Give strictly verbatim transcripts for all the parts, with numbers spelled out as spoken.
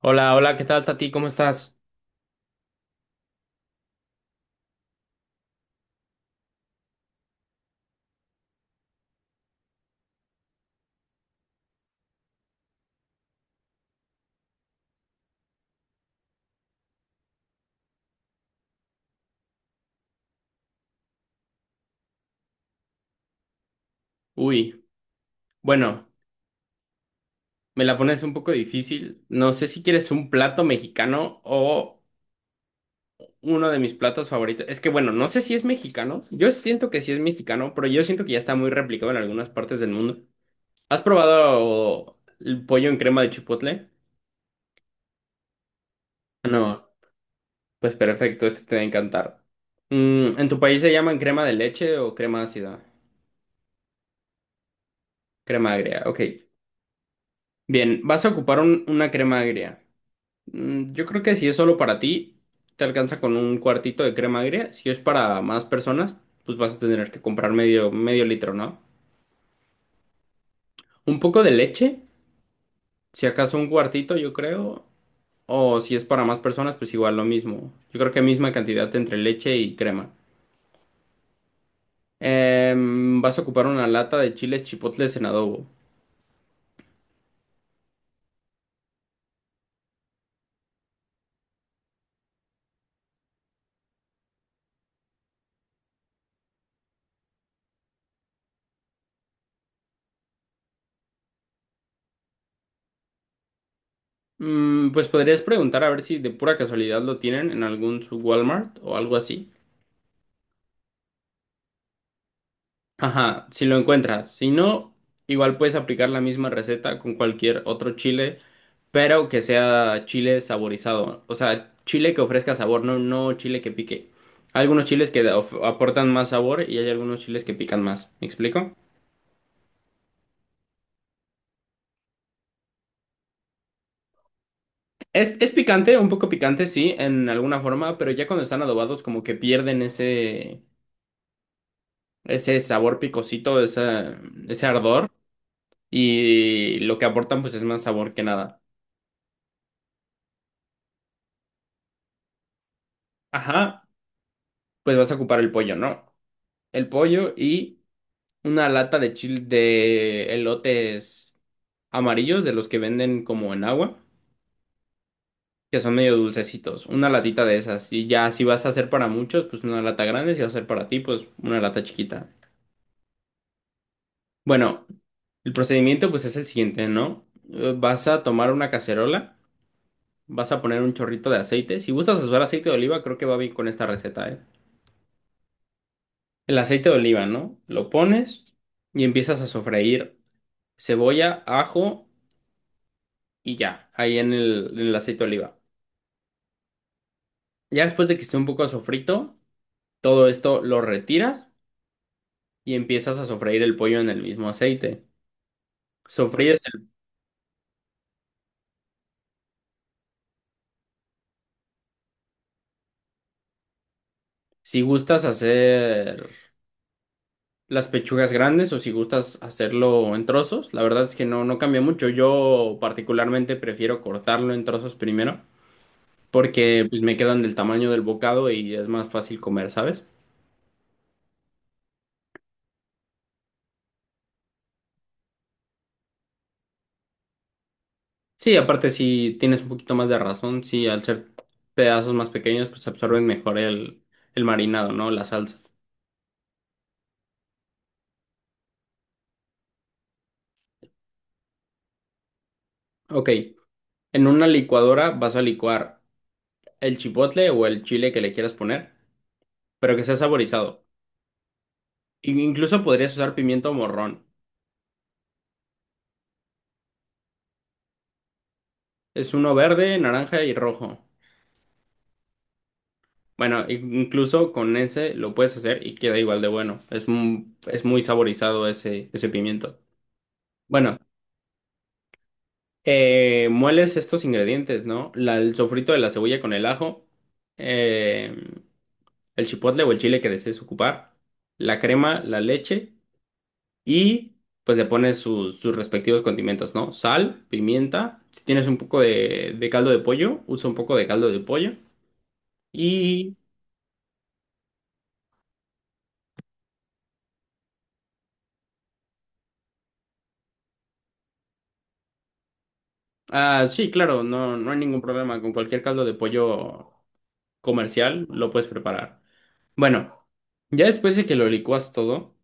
Hola, hola, ¿qué tal, Tati? ¿Cómo estás? Uy, bueno, me la pones un poco difícil. No sé si quieres un plato mexicano o uno de mis platos favoritos. Es que, bueno, no sé si es mexicano. Yo siento que sí es mexicano, pero yo siento que ya está muy replicado en algunas partes del mundo. ¿Has probado el pollo en crema de chipotle? No, pues perfecto, este te va a encantar. Mm, ¿en tu país se llaman crema de leche o crema ácida? Crema agria, ok. Bien, vas a ocupar un- una crema agria. Mm, Yo creo que si es solo para ti, te alcanza con un cuartito de crema agria. Si es para más personas, pues vas a tener que comprar medio, medio litro, ¿no? Un poco de leche, si acaso un cuartito, yo creo. O si es para más personas, pues igual lo mismo. Yo creo que misma cantidad entre leche y crema. Em, vas a ocupar una lata de chiles chipotles en adobo. Mm, pues podrías preguntar a ver si de pura casualidad lo tienen en algún su Walmart o algo así. Ajá, si lo encuentras. Si no, igual puedes aplicar la misma receta con cualquier otro chile, pero que sea chile saborizado. O sea, chile que ofrezca sabor, no, no chile que pique. Hay algunos chiles que of- aportan más sabor y hay algunos chiles que pican más. ¿Me explico? Es, es picante, un poco picante, sí, en alguna forma, pero ya cuando están adobados, como que pierden ese, ese sabor picosito, esa- ese ardor, y lo que aportan, pues es más sabor que nada. Ajá, pues vas a ocupar el pollo, ¿no? El pollo y una lata de chile de elotes amarillos, de los que venden como en agua, que son medio dulcecitos. Una latita de esas. Y ya si vas a hacer para muchos, pues una lata grande. Si vas a hacer para ti, pues una lata chiquita. Bueno, el procedimiento pues es el siguiente, ¿no? Eh, Vas a tomar una cacerola, vas a poner un chorrito de aceite. Si gustas usar aceite de oliva, creo que va bien con esta receta, ¿eh? El aceite de oliva, ¿no? Lo pones y empiezas a sofreír cebolla, ajo y ya, ahí en el, en el aceite de oliva. Ya después de que esté un poco sofrito, todo esto lo retiras y empiezas a sofreír el pollo en el mismo aceite. Sofríes el- si gustas hacer las pechugas grandes o si gustas hacerlo en trozos, la verdad es que no, no cambia mucho. Yo particularmente prefiero cortarlo en trozos primero porque pues me quedan del tamaño del bocado y es más fácil comer, ¿sabes? Sí, aparte si tienes un poquito más de razón, sí, al ser pedazos más pequeños, pues absorben mejor el, el marinado, ¿no? La salsa. Ok, en una licuadora vas a licuar el chipotle o el chile que le quieras poner, pero que sea saborizado. In- Incluso podrías usar pimiento morrón. Es uno verde, naranja y rojo. Bueno, in- incluso con ese lo puedes hacer y queda igual de bueno. Es, mu- es muy saborizado ese, ese pimiento. Bueno. Eh, mueles estos ingredientes, ¿no? La- el sofrito de la cebolla con el ajo, eh, el chipotle o el chile que desees ocupar, la crema, la leche y pues le pones sus, sus respectivos condimentos, ¿no? Sal, pimienta, si tienes un poco de, de caldo de pollo, usa un poco de caldo de pollo y... Ah, sí, claro, no, no hay ningún problema. Con cualquier caldo de pollo comercial lo puedes preparar. Bueno, ya después de que lo licuas todo,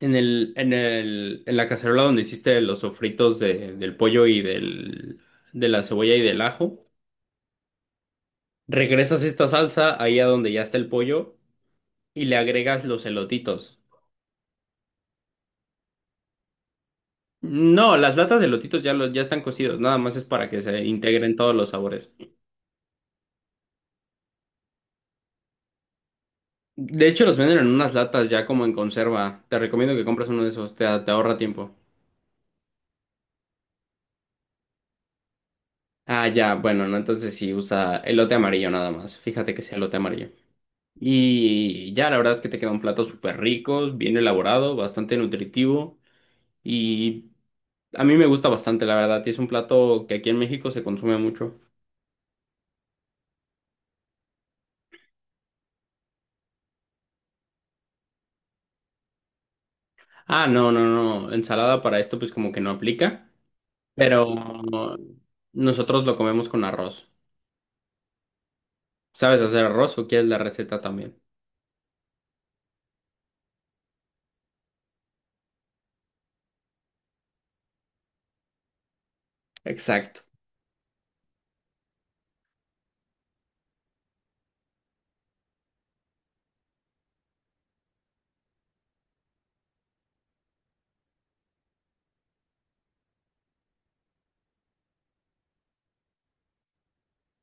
en el, en el, en la cacerola donde hiciste los sofritos de- del pollo y del, de la cebolla y del ajo, regresas esta salsa ahí a donde ya está el pollo y le agregas los elotitos. No, las latas de elotitos ya, los, ya están cocidos, nada más es para que se integren todos los sabores. De hecho, los venden en unas latas ya como en conserva. Te recomiendo que compres uno de esos, te, te ahorra tiempo. Ah, ya, bueno, no, entonces sí, usa elote amarillo nada más. Fíjate que sea elote amarillo. Y ya, la verdad es que te queda un plato súper rico, bien elaborado, bastante nutritivo y a mí me gusta bastante, la verdad. Y es un plato que aquí en México se consume mucho. Ah, no, no, no, ensalada para esto pues como que no aplica, pero nosotros lo comemos con arroz. ¿Sabes hacer arroz o quieres la receta también? Exacto.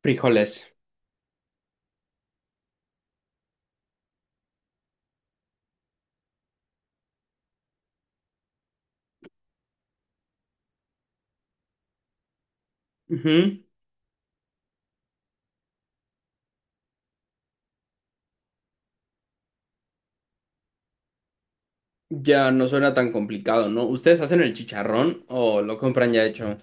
Frijoles. Ujú. Ya no suena tan complicado, ¿no? ¿Ustedes hacen el chicharrón o lo compran ya hecho?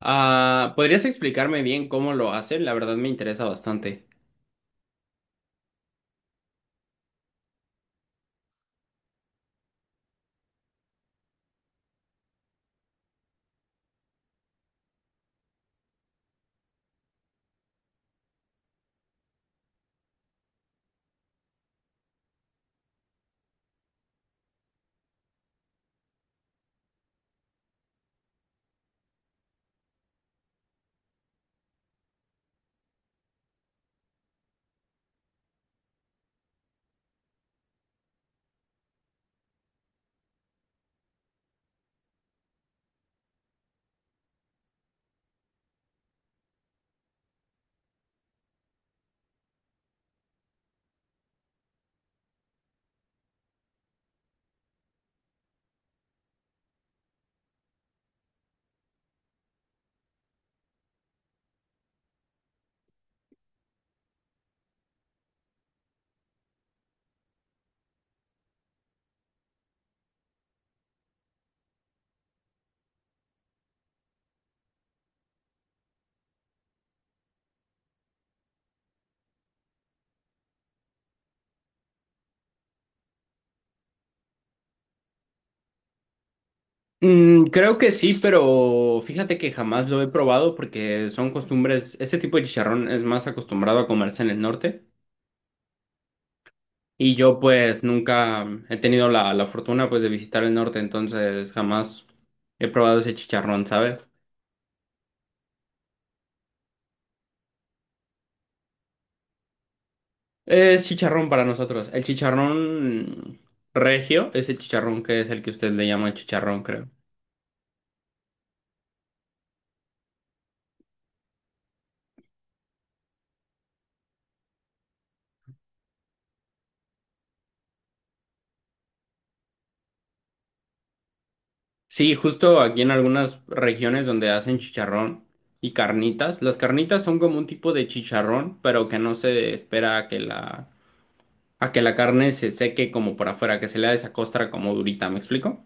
Ah, ¿podrías explicarme bien cómo lo hacen? La verdad me interesa bastante. Mm, creo que sí, pero fíjate que jamás lo he probado porque son costumbres, este tipo de chicharrón es más acostumbrado a comerse en el norte y yo pues nunca he tenido la, la fortuna pues de visitar el norte, entonces jamás he probado ese chicharrón, ¿sabes? Es chicharrón para nosotros. El chicharrón regio es el chicharrón que es el que usted le llama chicharrón, creo. Sí, justo aquí en algunas regiones donde hacen chicharrón y carnitas. Las carnitas son como un tipo de chicharrón, pero que no se espera a que la, a que la carne se seque como por afuera, que se le da esa costra como durita, ¿me explico?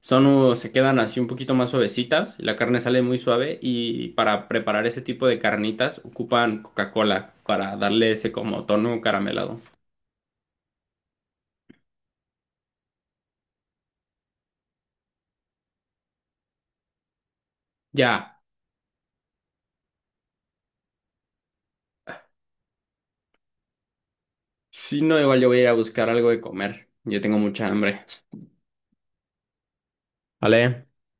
Son, uh, se quedan así un poquito más suavecitas, la carne sale muy suave y para preparar ese tipo de carnitas ocupan Coca-Cola para darle ese como tono caramelado. Ya, si no, igual yo voy a ir a buscar algo de comer. Yo tengo mucha hambre. Vale.